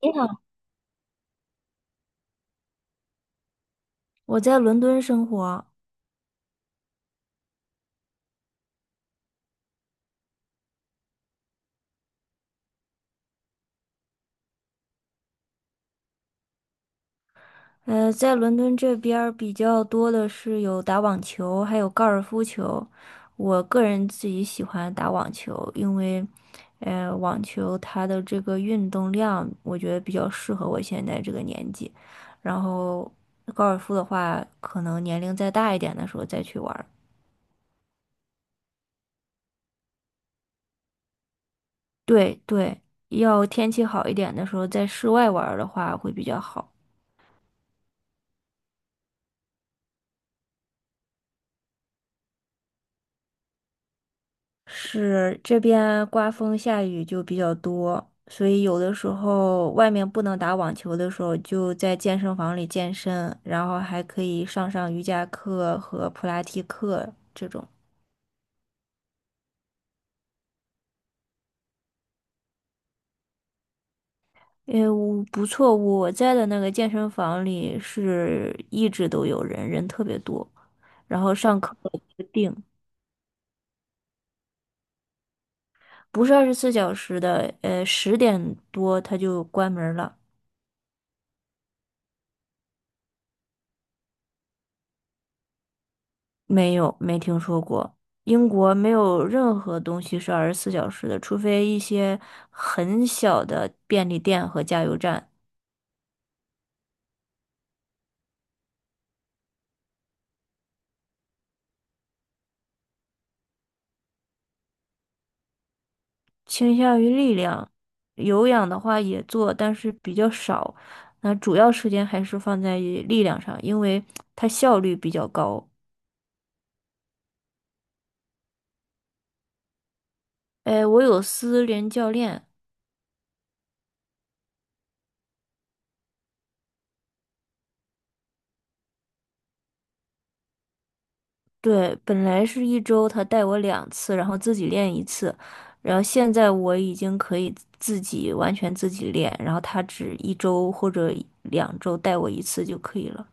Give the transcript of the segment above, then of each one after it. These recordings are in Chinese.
你好。我在伦敦生活。在伦敦这边儿比较多的是有打网球，还有高尔夫球。我个人自己喜欢打网球，因为，网球它的这个运动量，我觉得比较适合我现在这个年纪。然后高尔夫的话，可能年龄再大一点的时候再去玩儿。对对，要天气好一点的时候，在室外玩儿的话会比较好。是这边刮风下雨就比较多，所以有的时候外面不能打网球的时候，就在健身房里健身，然后还可以上上瑜伽课和普拉提课这种。诶，我不错，我在的那个健身房里是一直都有人，人特别多，然后上课不定，不是二十四小时的，10点多他就关门了。没有，没听说过。英国没有任何东西是二十四小时的，除非一些很小的便利店和加油站。倾向于力量，有氧的话也做，但是比较少。那主要时间还是放在于力量上，因为它效率比较高。哎，我有私人教练。对，本来是一周他带我两次，然后自己练一次，然后现在我已经可以自己完全自己练，然后他只一周或者2周带我一次就可以了。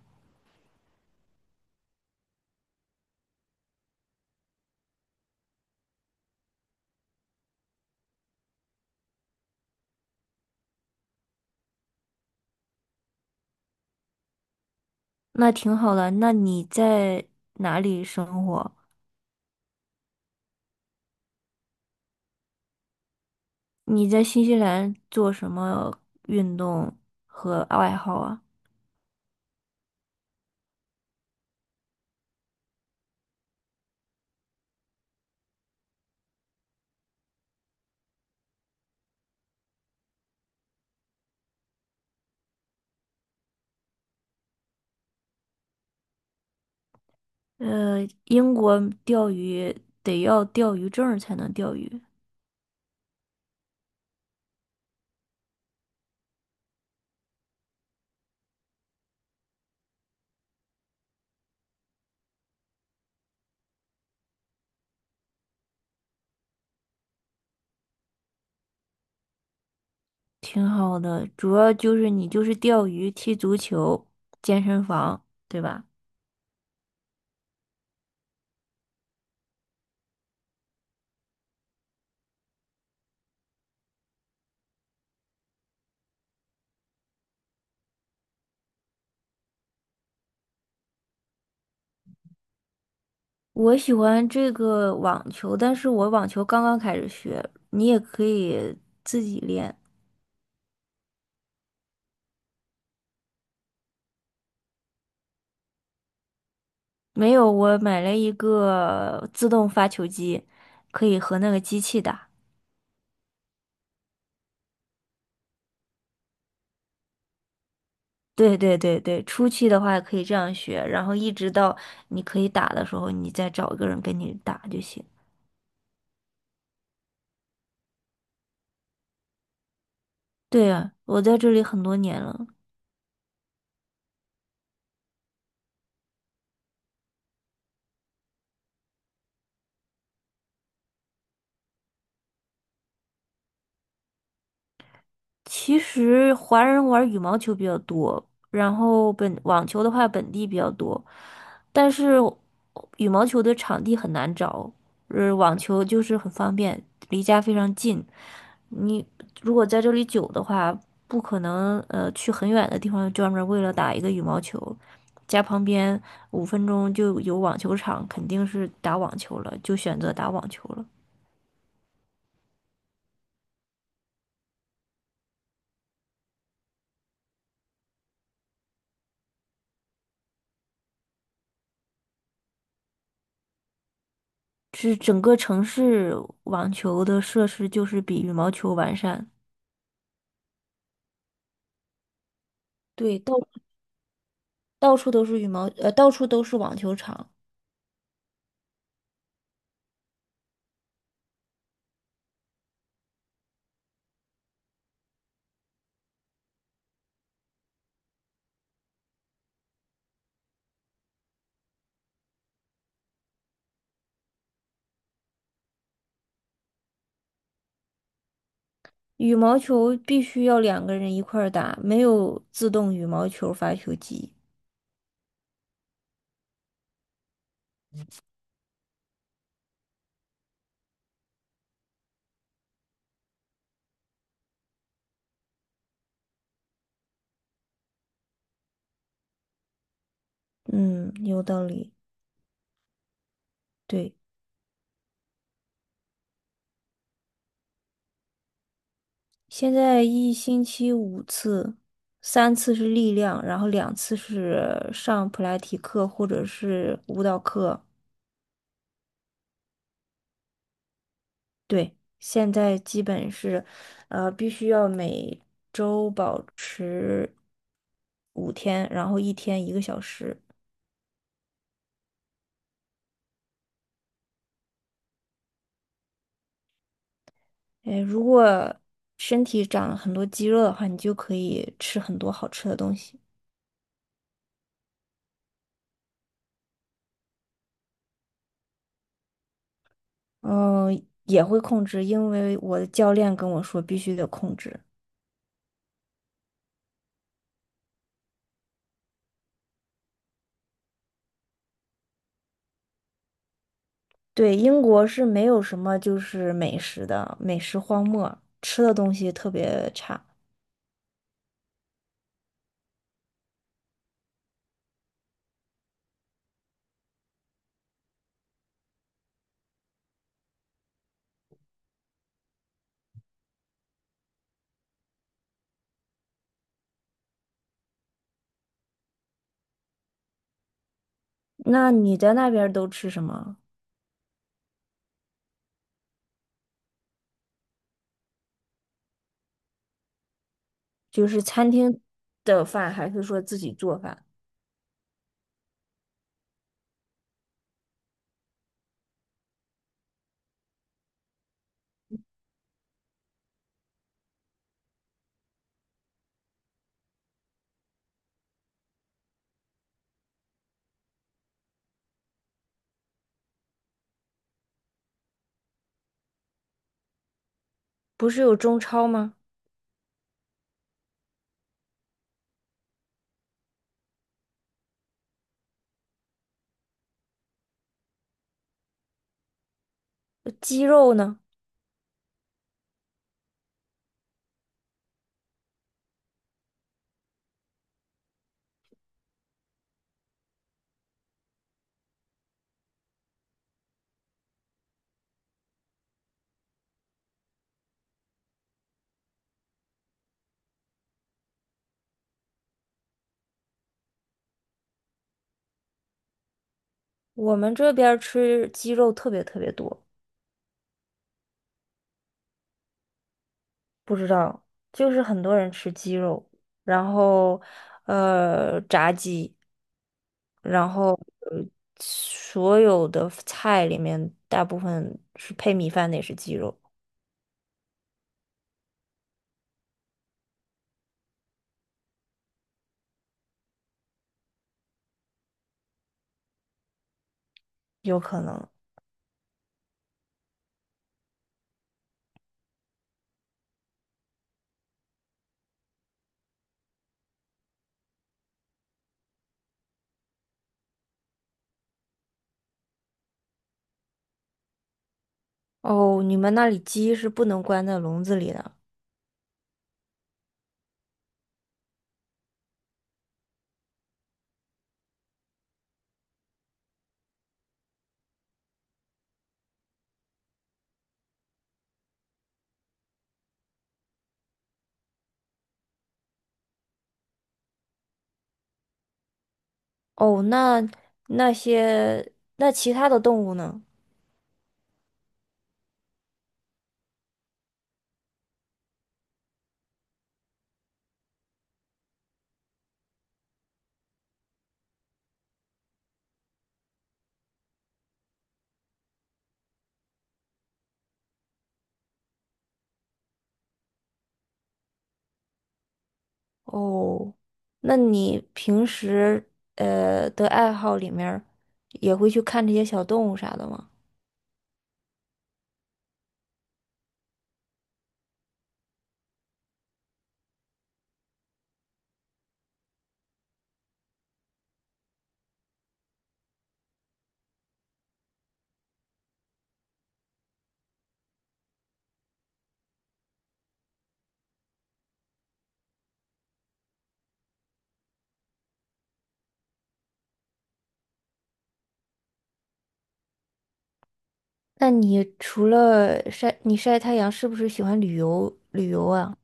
那挺好的。那你在哪里生活？你在新西兰做什么运动和爱好啊？英国钓鱼得要钓鱼证儿才能钓鱼。挺好的，主要就是你就是钓鱼、踢足球、健身房，对吧？我喜欢这个网球，但是我网球刚刚开始学，你也可以自己练。没有，我买了一个自动发球机，可以和那个机器打。对对对对，初期的话可以这样学，然后一直到你可以打的时候，你再找一个人跟你打就行。对啊，我在这里很多年了。其实华人玩羽毛球比较多，然后网球的话本地比较多，但是羽毛球的场地很难找，网球就是很方便，离家非常近。你如果在这里久的话，不可能去很远的地方专门为了打一个羽毛球，家旁边5分钟就有网球场，肯定是打网球了，就选择打网球了。是整个城市网球的设施就是比羽毛球完善。对，到处都是网球场。羽毛球必须要两个人一块儿打，没有自动羽毛球发球机。嗯，有道理。对，现在一星期五次，三次是力量，然后两次是上普拉提课或者是舞蹈课。对，现在基本是，必须要每周保持5天，然后一天一个小时。诶，如果身体长了很多肌肉的话，你就可以吃很多好吃的东西。嗯，也会控制，因为我的教练跟我说必须得控制。对，英国是没有什么就是美食的，美食荒漠，吃的东西特别差。那你在那边儿都吃什么？就是餐厅的饭，还是说自己做饭？不是有中超吗？鸡肉呢？我们这边儿吃鸡肉特别特别多。不知道，就是很多人吃鸡肉，然后炸鸡，然后呃所有的菜里面大部分是配米饭的，也是鸡肉，有可能。哦，你们那里鸡是不能关在笼子里的。哦，那其他的动物呢？哦，那你平时的爱好里面儿也会去看这些小动物啥的吗？那你除了晒，你晒太阳是不是喜欢旅游旅游啊？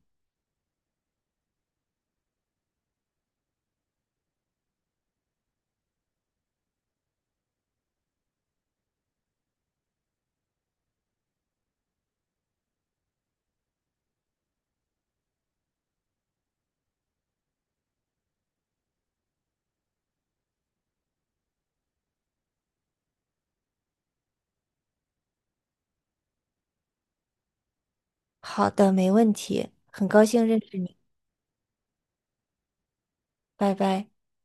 好的，没问题，很高兴认识你，拜拜。